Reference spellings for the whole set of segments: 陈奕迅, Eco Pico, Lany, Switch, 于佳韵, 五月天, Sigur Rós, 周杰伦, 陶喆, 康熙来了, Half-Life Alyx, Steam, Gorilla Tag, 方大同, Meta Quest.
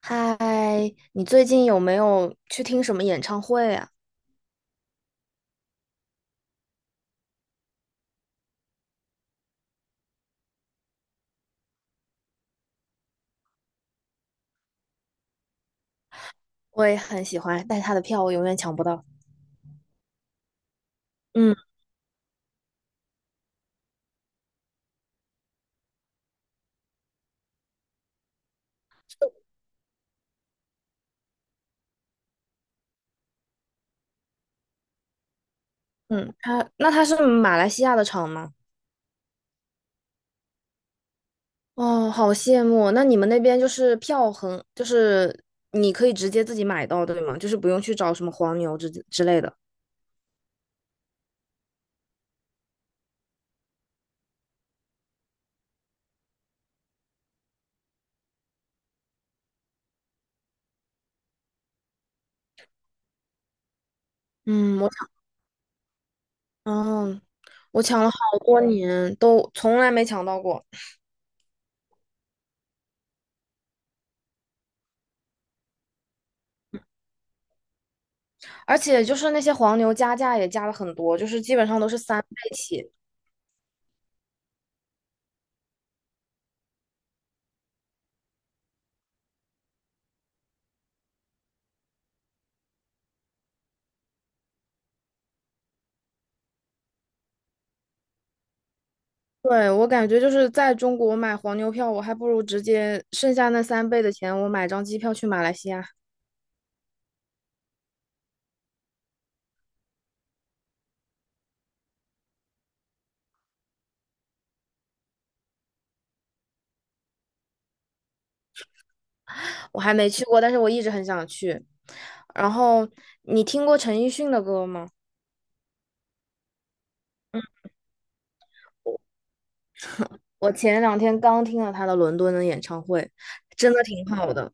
嗨，你最近有没有去听什么演唱会啊？我也很喜欢，但他的票我永远抢不到。嗯嗯，那他是马来西亚的场吗？哦，好羡慕。那你们那边就是票很，就是你可以直接自己买到，对吗？就是不用去找什么黄牛之类的。嗯，哦，我抢了好多年，都从来没抢到过。而且就是那些黄牛加价也加了很多，就是基本上都是三倍起。对，我感觉就是在中国买黄牛票，我还不如直接剩下那三倍的钱，我买张机票去马来西亚。我还没去过，但是我一直很想去。然后你听过陈奕迅的歌吗？我前两天刚听了他的伦敦的演唱会，真的挺好的。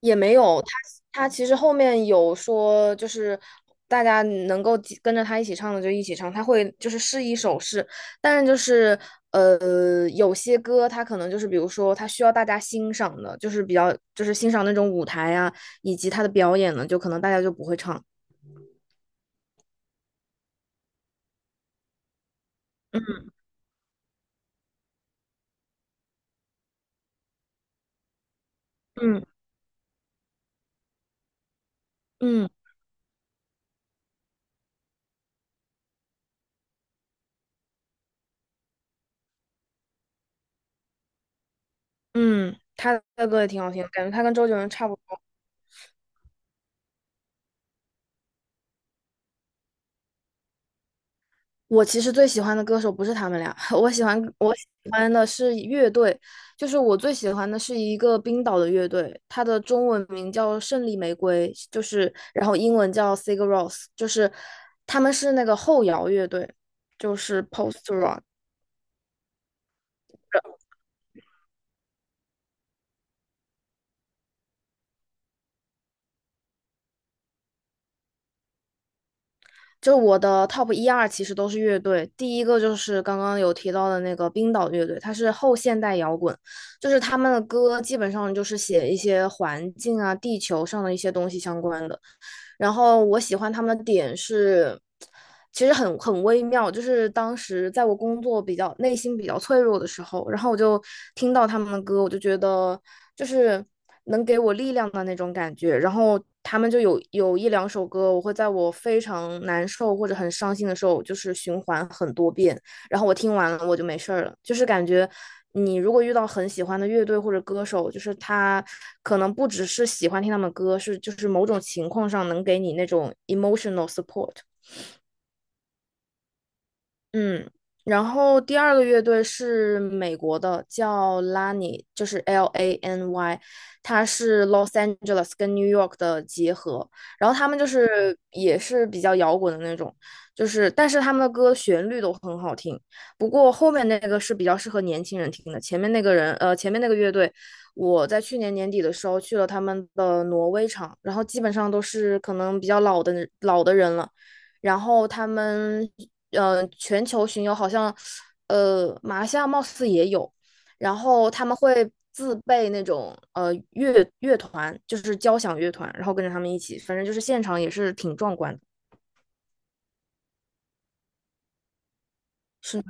也没有，他其实后面有说，就是大家能够几跟着他一起唱的就一起唱，他会就是试一首试，但是就是有些歌他可能就是比如说他需要大家欣赏的，就是比较就是欣赏那种舞台啊，以及他的表演呢，就可能大家就不会唱。嗯嗯嗯，他的歌也挺好听的，感觉他跟周杰伦差不多。我其实最喜欢的歌手不是他们俩，我喜欢的是乐队，就是我最喜欢的是一个冰岛的乐队，它的中文名叫胜利玫瑰，就是然后英文叫 Sigur Rós，就是他们是那个后摇乐队，就是 post rock。就我的 top 一二其实都是乐队，第一个就是刚刚有提到的那个冰岛乐队，它是后现代摇滚，就是他们的歌基本上就是写一些环境啊、地球上的一些东西相关的。然后我喜欢他们的点是，其实很微妙，就是当时在我工作比较内心比较脆弱的时候，然后我就听到他们的歌，我就觉得就是能给我力量的那种感觉。然后他们就有一两首歌，我会在我非常难受或者很伤心的时候，就是循环很多遍。然后我听完了我就没事儿了，就是感觉。你如果遇到很喜欢的乐队或者歌手，就是他可能不只是喜欢听他们歌，是就是某种情况上能给你那种 emotional support。嗯，然后第二个乐队是美国的，叫 Lany，就是 L A N Y，它是 Los Angeles 跟 New York 的结合。然后他们就是也是比较摇滚的那种，就是但是他们的歌旋律都很好听。不过后面那个是比较适合年轻人听的，前面那个乐队，我在去年年底的时候去了他们的挪威场，然后基本上都是可能比较老的老的人了。然后他们全球巡游好像马来西亚貌似也有，然后他们会自备那种团，就是交响乐团，然后跟着他们一起，反正就是现场也是挺壮观的。是。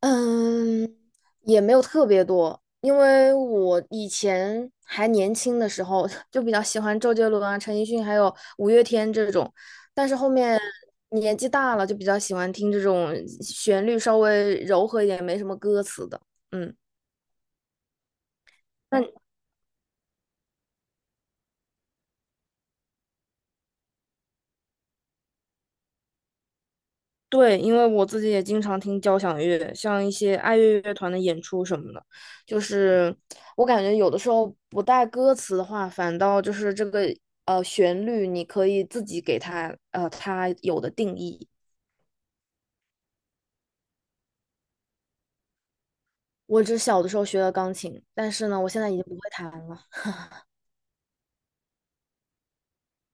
嗯，也没有特别多，因为我以前还年轻的时候 就比较喜欢周杰伦啊、陈奕迅还有五月天这种，但是后面年纪大了就比较喜欢听这种旋律稍微柔和一点、没什么歌词的。嗯，那。对，因为我自己也经常听交响乐，像一些爱乐乐团的演出什么的，就是我感觉有的时候不带歌词的话，反倒就是这个旋律，你可以自己给它有的定义。我只小的时候学了钢琴，但是呢，我现在已经不会弹了。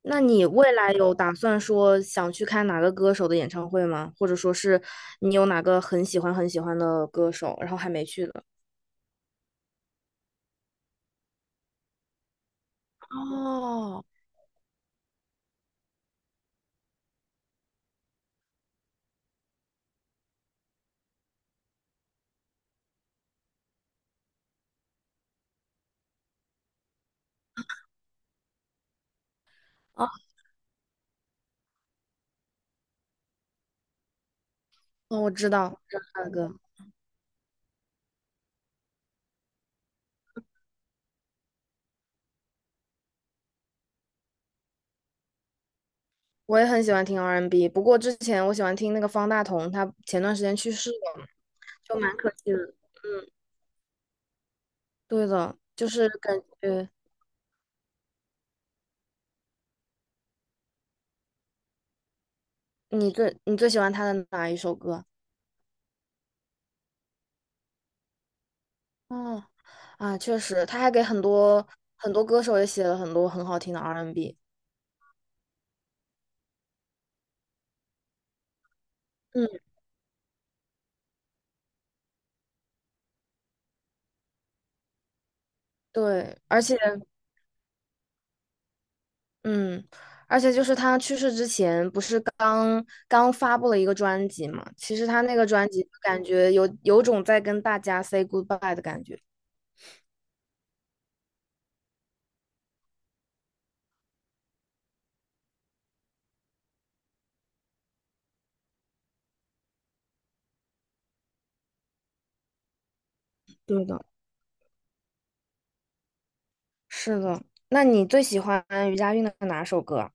那你未来有打算说想去看哪个歌手的演唱会吗？或者说是你有哪个很喜欢很喜欢的歌手，然后还没去的？哦，哦，我知道，知道那个。我也很喜欢听 R&B，不过之前我喜欢听那个方大同，他前段时间去世了，就蛮可惜的。对的，就是感觉你最喜欢他的哪一首歌？哦，啊，确实，他还给很多很多歌手也写了很多很好听的 R&B。 嗯，对，嗯，而且就是他去世之前不是刚刚发布了一个专辑嘛？其实他那个专辑感觉有种在跟大家 say goodbye 的感觉。对的。是的，那你最喜欢于佳韵的哪首歌？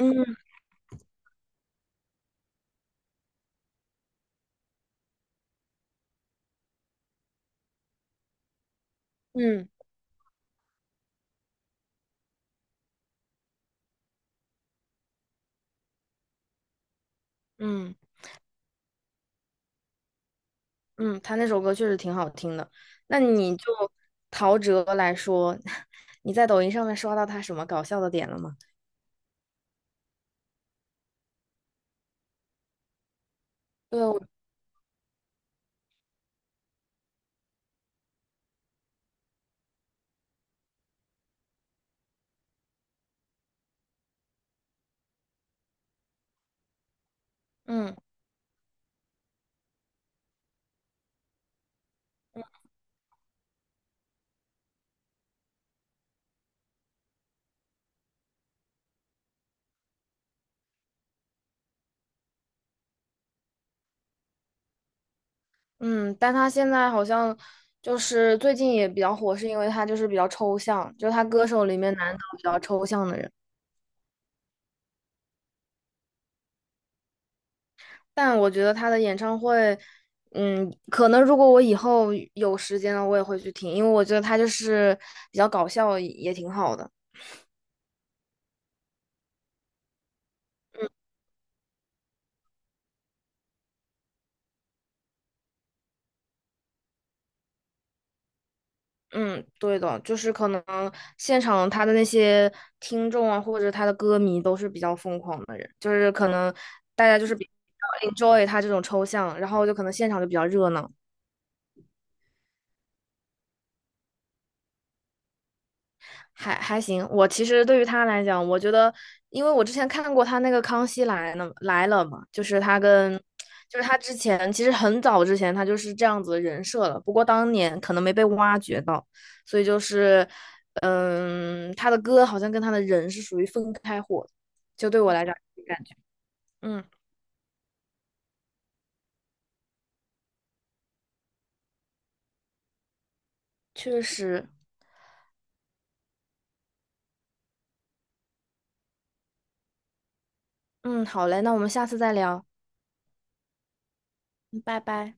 嗯嗯嗯嗯，他那首歌确实挺好听的。那你就陶喆来说，你在抖音上面刷到他什么搞笑的点了吗？对，我嗯嗯，但他现在好像就是最近也比较火，是因为他就是比较抽象，就是他歌手里面难得比较抽象的人。但我觉得他的演唱会，可能如果我以后有时间了，我也会去听，因为我觉得他就是比较搞笑，也挺好的。嗯，对的，就是可能现场他的那些听众啊，或者他的歌迷都是比较疯狂的人，就是可能大家就是比较 enjoy 他这种抽象，然后就可能现场就比较热闹。还行，我其实对于他来讲，我觉得，因为我之前看过他那个《康熙来了》来了嘛，就是他跟，就是他之前其实很早之前他就是这样子的人设了，不过当年可能没被挖掘到，所以就是，嗯，他的歌好像跟他的人是属于分开火的就对我来讲感觉，嗯，确实，嗯，好嘞，那我们下次再聊，嗯拜拜。